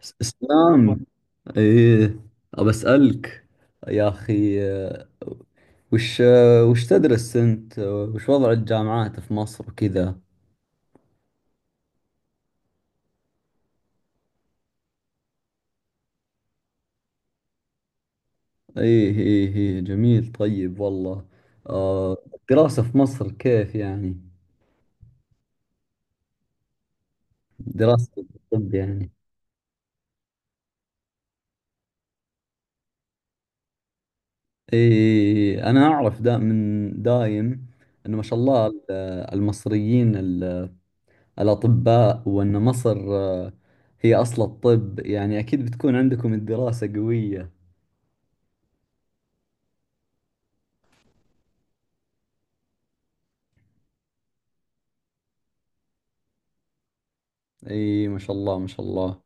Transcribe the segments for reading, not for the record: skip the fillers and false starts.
اسلام. ايه، ابى اسالك يا اخي. وش تدرس انت؟ وش وضع الجامعات في مصر وكذا؟ ايه، ايه، ايه، جميل. طيب والله. الدراسة في مصر كيف يعني؟ دراسة الطب يعني. ايه، إيه، إيه. انا اعرف دا من دايم انه ما شاء الله المصريين الأطباء، وأن مصر هي أصل الطب يعني. أكيد بتكون عندكم الدراسة قوية. أي، ما شاء الله، ما شاء الله.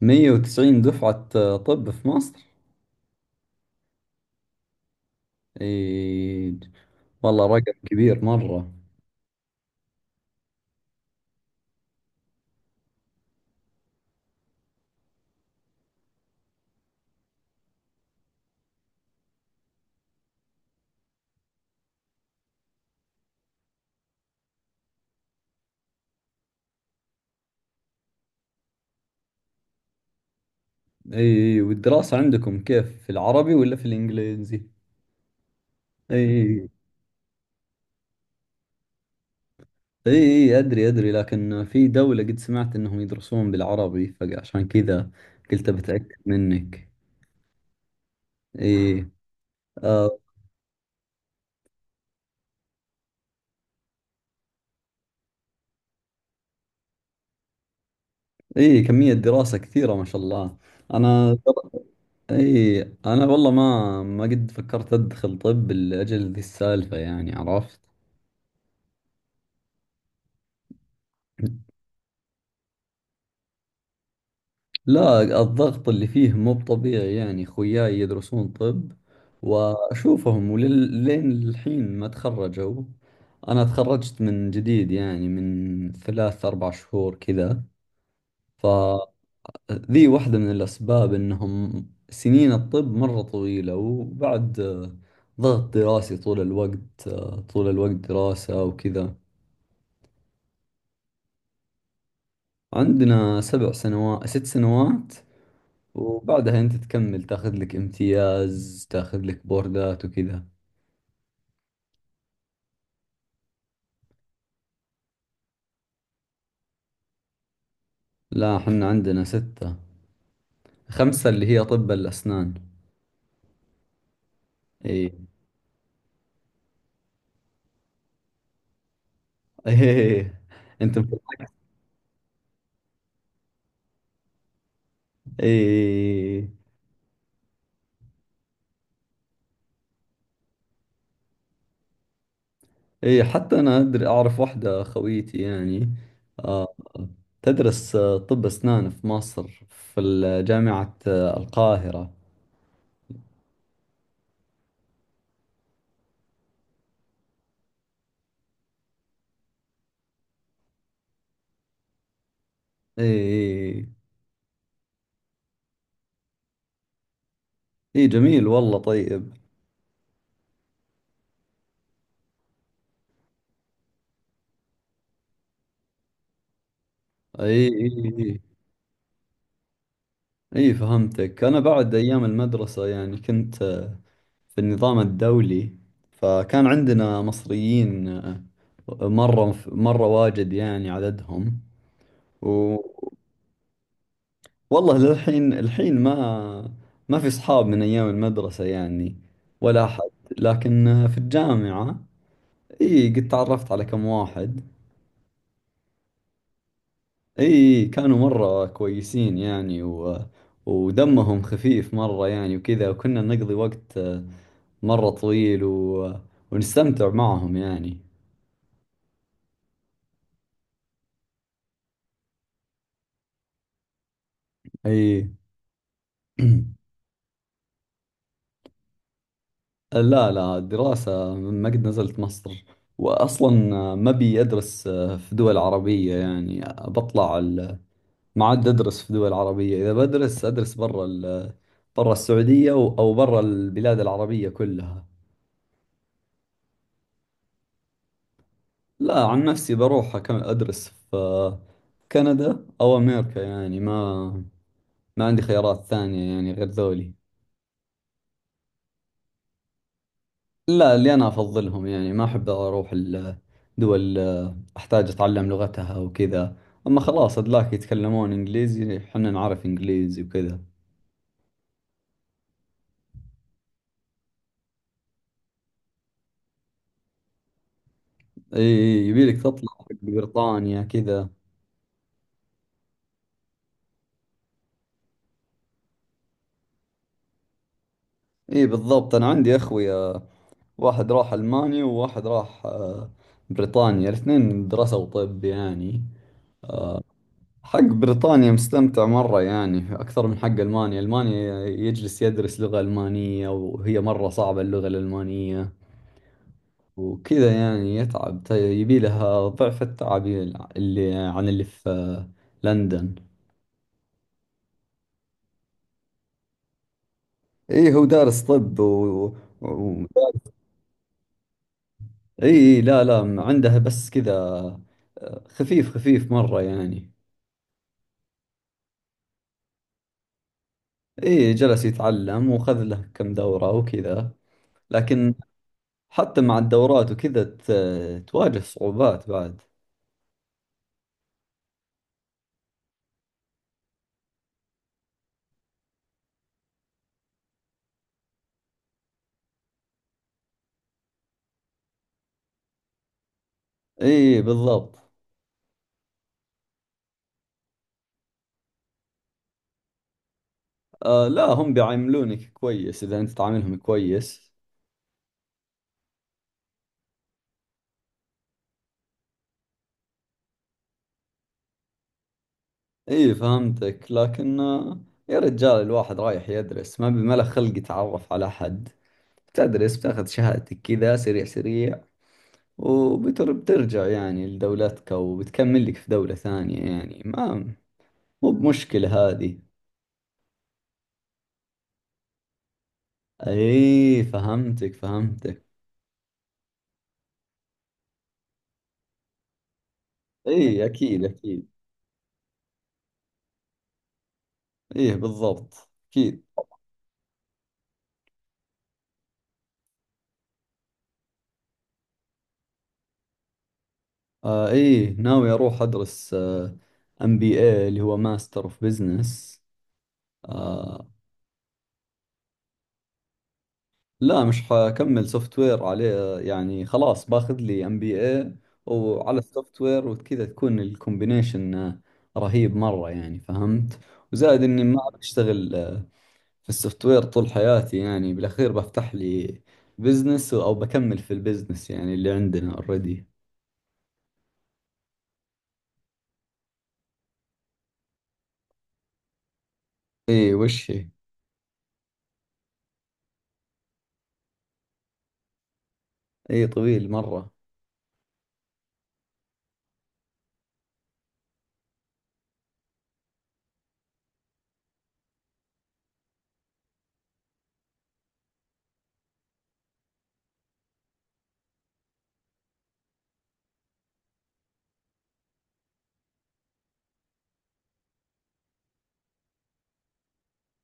190 دفعة، طب في مصر؟ أي، والله رقم كبير مرة. أي، والدراسة عندكم كيف، في العربي ولا في الإنجليزي؟ أي، أي، أي، أدري أدري، لكن في دولة قد سمعت أنهم يدرسون بالعربي فعشان كذا قلت بتأكد منك. أي. آه، اي، كمية دراسة كثيرة ما شاء الله. انا اي، انا والله ما قد فكرت ادخل طب لاجل ذي السالفة يعني. عرفت؟ لا، الضغط اللي فيه مو بطبيعي يعني. خوياي يدرسون طب واشوفهم ولين الحين ما تخرجوا. انا تخرجت من جديد يعني، من ثلاث اربع شهور كذا. ف ذي واحدة من الأسباب إنهم: سنين الطب مرة طويلة، وبعد ضغط دراسي طول الوقت، طول الوقت دراسة وكذا. عندنا سبع سنوات، ست سنوات، وبعدها أنت تكمل، تاخذ لك امتياز، تاخذ لك بوردات وكذا. لا، حنا عندنا ستة. خمسة اللي هي طب الأسنان. إي. إيه، أنتم. إي، إيه. حتى أنا أعرف واحدة خويتي يعني، آه تدرس طب أسنان في مصر في جامعة القاهرة. إيه، إيه، إيه، جميل والله. طيب. إيه، إيه، إيه، إيه. فهمتك. أنا بعد أيام المدرسة يعني كنت في النظام الدولي، فكان عندنا مصريين مرة مرة واجد يعني عددهم. والله للحين الحين ما في اصحاب من ايام المدرسة يعني، ولا احد. لكن في الجامعة، اي، قد تعرفت على كم واحد. اي، كانوا مرة كويسين يعني، ودمهم خفيف مرة يعني وكذا. وكنا نقضي وقت مرة طويل ونستمتع معهم يعني. اي. لا، لا، الدراسة ما قد نزلت مصر. وأصلا ما بي أدرس في دول عربية يعني. بطلع، ما عاد أدرس في دول عربية، إذا بدرس أدرس برا برا السعودية أو برا البلاد العربية كلها. لا، عن نفسي بروح أكمل أدرس في كندا أو أمريكا يعني. ما عندي خيارات ثانية يعني غير ذولي. لا، اللي أنا أفضلهم يعني. ما أحب أروح الدول أحتاج أتعلم لغتها وكذا، أما خلاص أدلاك يتكلمون إنجليزي حنا نعرف إنجليزي وكذا. إي، إي، يبيلك تطلع حق بريطانيا كذا. اي، بالضبط. انا عندي اخوي، واحد راح ألمانيا وواحد راح بريطانيا. الاثنين درسوا طب يعني. حق بريطانيا مستمتع مرة يعني، أكثر من حق ألمانيا. ألمانيا يجلس يدرس لغة ألمانية، وهي مرة صعبة اللغة الألمانية وكذا يعني. يتعب، يبي لها ضعف التعب، اللي عن اللي في لندن. إيه، هو دارس طب و... و... إيه، إيه، لا، لا، عندها بس كذا خفيف خفيف مرة يعني. إيه، جلس يتعلم وخذ له كم دورة وكذا. لكن حتى مع الدورات وكذا تواجه صعوبات بعد. إيه بالضبط. لا، هم بيعاملونك كويس إذا أنت تعاملهم كويس. إيه فهمتك. لكن يا رجال، الواحد رايح يدرس ما بي، ما له خلق يتعرف على حد. تدرس، بتاخذ شهادتك كذا سريع سريع، وبترجع يعني لدولتك وبتكمل لك في دولة ثانية يعني. ما مو بمشكلة هذه. ايه فهمتك فهمتك. ايه اكيد اكيد. ايه، بالضبط اكيد. ايه، ناوي اروح ادرس MBA اللي هو ماستر اوف بزنس. آه لا، مش حكمل سوفت وير عليه يعني. خلاص باخذ لي MBA، وعلى السوفت وير وكذا تكون الكومبينيشن رهيب مرة يعني. فهمت؟ وزائد اني ما بشتغل في السوفت وير طول حياتي يعني. بالأخير بفتح لي بزنس أو بكمل في البزنس يعني اللي عندنا اوريدي. إيه، وش هي؟ إيه، طويل مرة.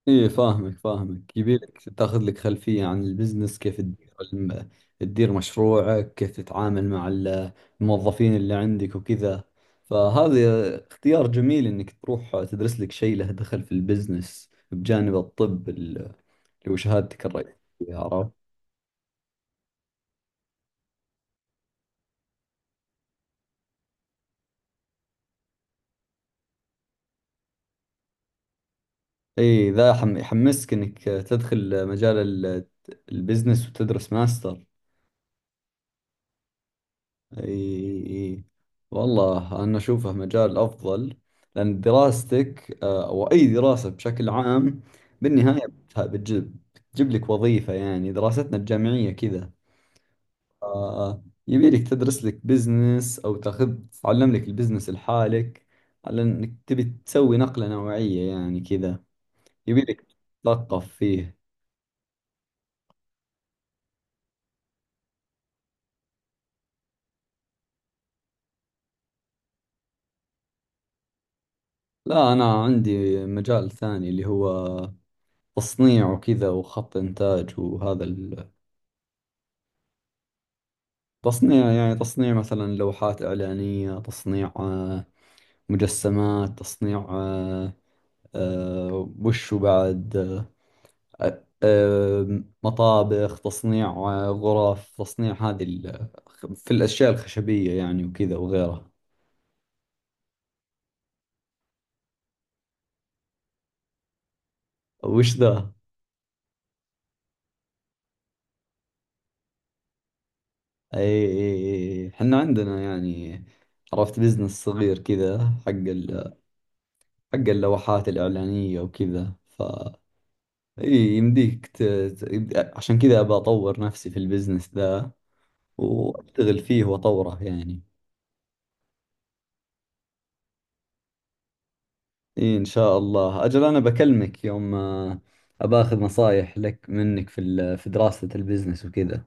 إيه، فاهمك فاهمك. يبيلك تاخذ لك خلفية عن البزنس، كيف تدير تدير مشروعك، كيف تتعامل مع الموظفين اللي عندك وكذا. فهذا اختيار جميل إنك تروح تدرس لك شيء له دخل في البزنس بجانب الطب اللي هو شهادتك الرئيسية. عرفت؟ اي، ذا يحمسك انك تدخل مجال البزنس وتدرس ماستر. اي، اي، والله انا اشوفه مجال افضل. لان دراستك، او اي دراسة بشكل عام، بالنهاية بتجيب لك وظيفة يعني، دراستنا الجامعية كذا. يبي لك تدرس لك بزنس، او تعلم لك البزنس لحالك، على انك تبي تسوي نقلة نوعية يعني كذا. يبي لك تثقف فيه. لا، أنا عندي مجال ثاني اللي هو تصنيع وكذا، وخط إنتاج وهذا. التصنيع يعني تصنيع مثلا لوحات إعلانية، تصنيع مجسمات، تصنيع، وش بعد؟ مطابخ، تصنيع غرف تصنيع، هذه في الأشياء الخشبية يعني وكذا وغيرها. وش ذا؟ أي، أي. أي، حنا عندنا يعني. عرفت بزنس صغير كذا، حق حق اللوحات الإعلانية وكذا. ف إي، يمديك عشان كذا أبى أطور نفسي في البزنس ذا، وأشتغل فيه وأطوره يعني. إي إن شاء الله. أجل أنا بكلمك يوم، أبى أخذ نصايح لك منك في في دراسة البزنس وكذا